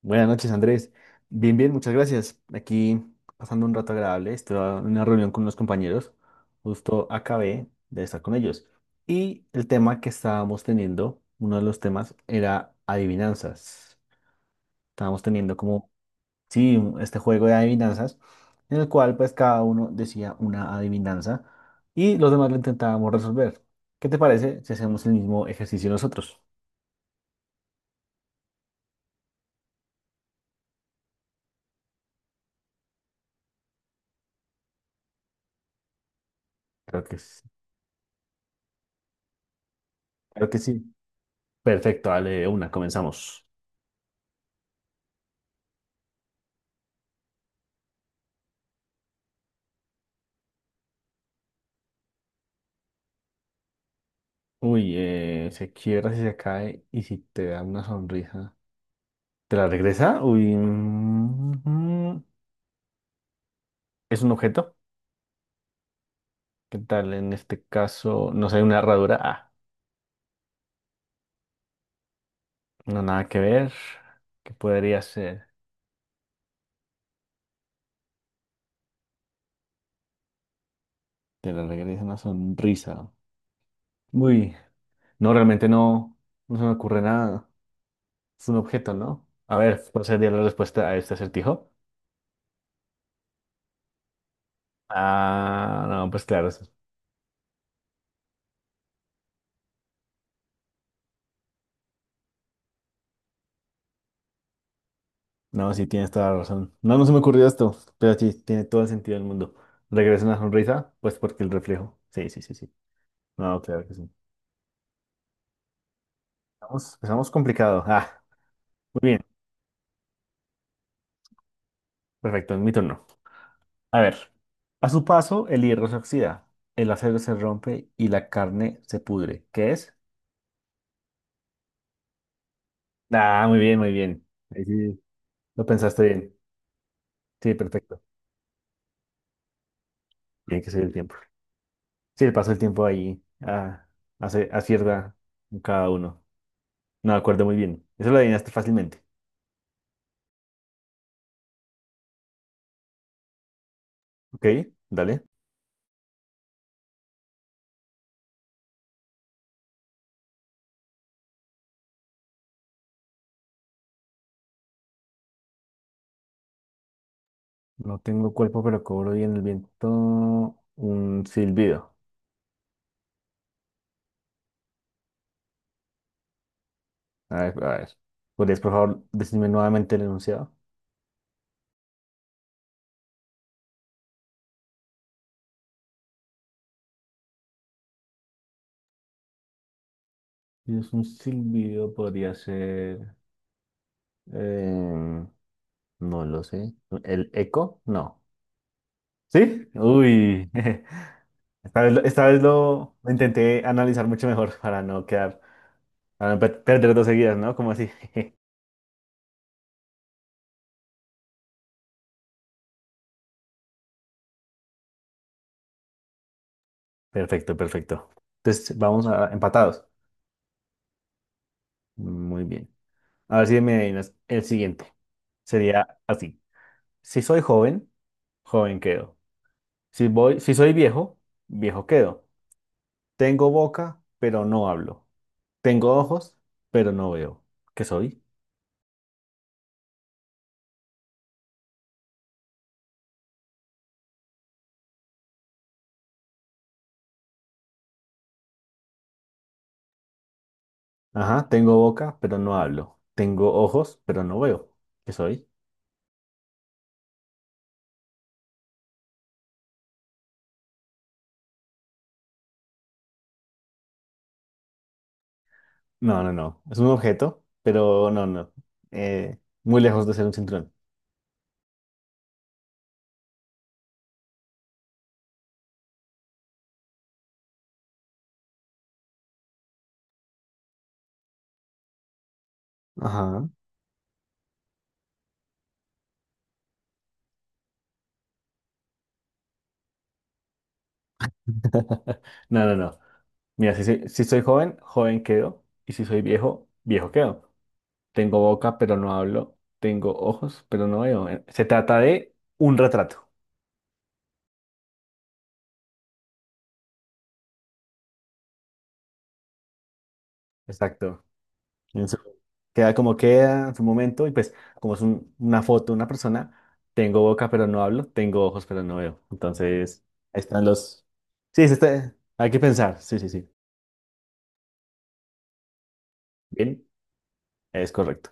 Buenas noches, Andrés. Bien, bien, muchas gracias. Aquí pasando un rato agradable. Estuve en una reunión con unos compañeros. Justo acabé de estar con ellos. Y el tema que estábamos teniendo, uno de los temas, era adivinanzas. Estábamos teniendo como, sí, este juego de adivinanzas, en el cual pues cada uno decía una adivinanza y los demás lo intentábamos resolver. ¿Qué te parece si hacemos el mismo ejercicio nosotros? Creo que, creo que sí. Perfecto, dale de una, comenzamos. Uy, se quiebra si se cae y si te da una sonrisa, ¿te la regresa? Uy, es un objeto. ¿Qué tal? En este caso, no sé, una herradura. Ah, no, nada que ver. ¿Qué podría ser? Te la regresa una sonrisa. Uy, no, realmente no, no se me ocurre nada. Es un objeto, ¿no? A ver, ¿cuál sería la respuesta a este acertijo? Ah, no, pues claro. No, sí, tienes toda la razón. No, no se me ocurrió esto, pero sí, tiene todo el sentido del mundo. Regresa una sonrisa, pues porque el reflejo. Sí, sí, sí, sí. No, claro que sí. Estamos, empezamos complicado. Ah, muy bien. Perfecto, es mi turno. A ver. A su paso, el hierro se oxida, el acero se rompe y la carne se pudre. ¿Qué es? Ah, muy bien, muy bien. Ahí sí, lo pensaste bien. Sí, perfecto. Tiene que ser el tiempo. Sí, el paso del tiempo ahí hace, acierta en cada uno. No, acuerdo muy bien. Eso lo adivinaste fácilmente. Ok, dale. No tengo cuerpo, pero cobro bien el viento. Un silbido. A ver, a ver. ¿Podrías, por favor, decirme nuevamente el enunciado? Si es un silbido, podría ser. em, no lo sé. ¿El eco? No. ¿Sí? Uy. Esta vez, esta vez lo intenté analizar mucho mejor para no quedar. Para no per- perder dos seguidas, ¿no? Como así. Perfecto, perfecto. Entonces, vamos a empatados. Muy bien. A ver si me adivinas el siguiente. Sería así. Si soy joven, joven quedo. Si soy viejo, viejo quedo. Tengo boca, pero no hablo. Tengo ojos, pero no veo. ¿Qué soy? Ajá, tengo boca, pero no hablo. Tengo ojos, pero no veo. ¿Qué soy? No, no, no. Es un objeto, pero no, no. Eh, muy lejos de ser un cinturón. Ajá. No, no, no. Mira, si soy joven, joven quedo. Y si soy viejo, viejo quedo. Tengo boca, pero no hablo. Tengo ojos, pero no veo. Se trata de un retrato. Exacto. En su- Queda como queda en su momento y pues como una foto, una persona, tengo boca, pero no hablo. Tengo ojos, pero no veo. Entonces, ahí están los... Sí, hay que pensar. Sí, sí, sí. Bien, es correcto.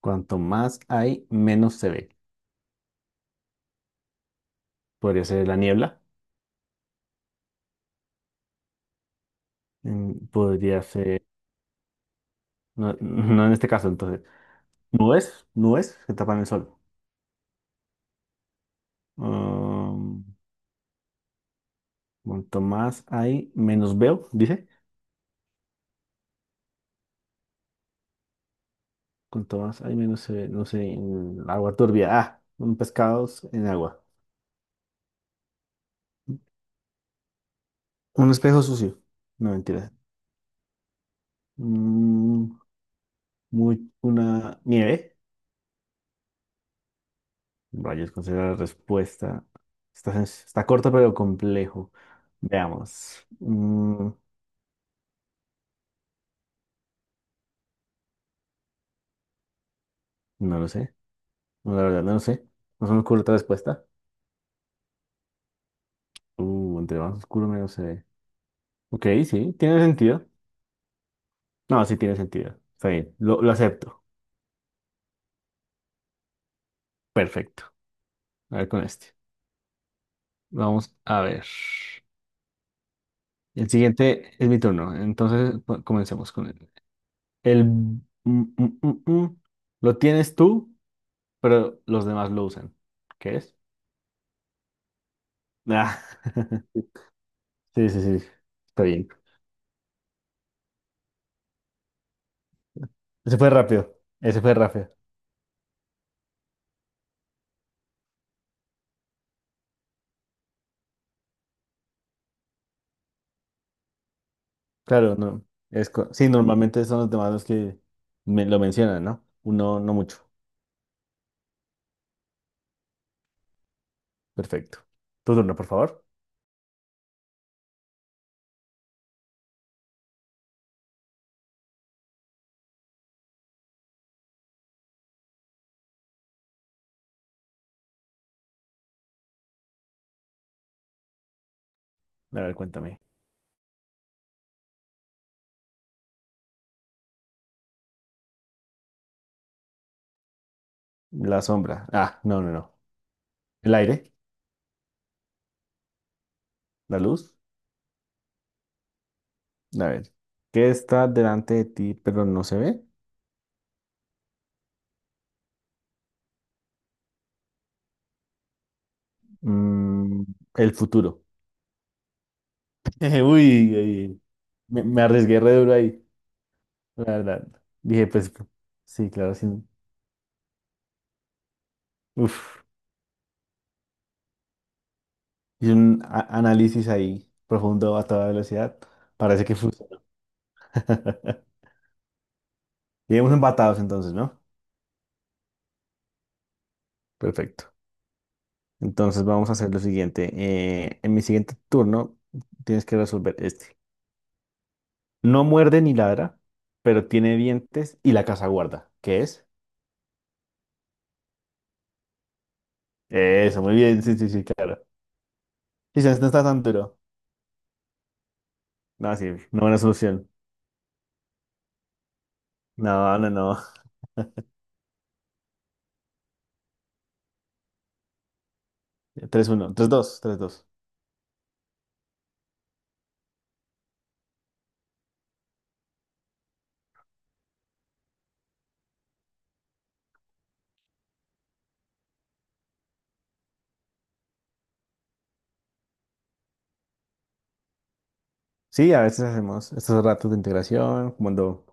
Cuanto más hay, menos se ve. Podría ser la niebla. Podría ser... No, no en este caso, entonces. Nubes, nubes que tapan el sol. Um, Cuanto más hay, menos veo, dice. Cuanto más hay, menos se ve, no sé, en el agua turbia. Ah, un pescado en agua. Un espejo sucio. No, mentira. Mm, muy, una nieve. Rayos, considera la respuesta. Está, está corta, pero complejo. Veamos. No lo sé. No, la verdad, no lo sé. No se me ocurre otra respuesta. Entre más oscuro, menos se ve. Ok, sí, tiene sentido. No, sí tiene sentido. Está bien, lo acepto. Perfecto. A ver con este. Vamos a ver. El siguiente es mi turno. Entonces comencemos con él. El, mm, mm, mm, mm. Lo tienes tú, pero los demás lo usan. ¿Qué es? Ah. Sí, sí, sí. Está bien. Ese fue rápido. Ese fue rápido. Claro, no. Sí, normalmente son los demás los que me lo mencionan, ¿no? Uno, no mucho. Perfecto. Tu turno, por favor. A ver, cuéntame. La sombra. Ah, no, no, no. El aire, la luz. A ver, ¿qué está delante de ti pero no se ve? Mm, el futuro. Uy, ahí- me arriesgué re duro ahí, la verdad. Dije, pues, sí, claro, sí. Uf, hice análisis ahí profundo a toda velocidad. Parece que funciona. Llegamos empatados entonces, ¿no? Perfecto. Entonces vamos a hacer lo siguiente. En mi siguiente turno tienes que resolver este. No muerde ni ladra, pero tiene dientes y la casa guarda. ¿Qué es? Eso, muy bien, sí, sí, sí, claro. Sí, ya no está tan duro. No, sí, no buena solución. No, no, no. Tres uno, tres dos, tres dos. Sí, a veces hacemos estos ratos de integración cuando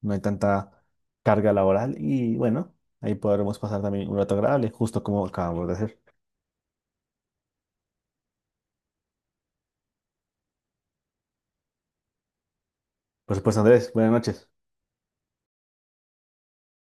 no hay tanta carga laboral y bueno, ahí podremos pasar también un rato agradable, justo como acabamos de hacer. Por supuesto, Andrés, buenas noches.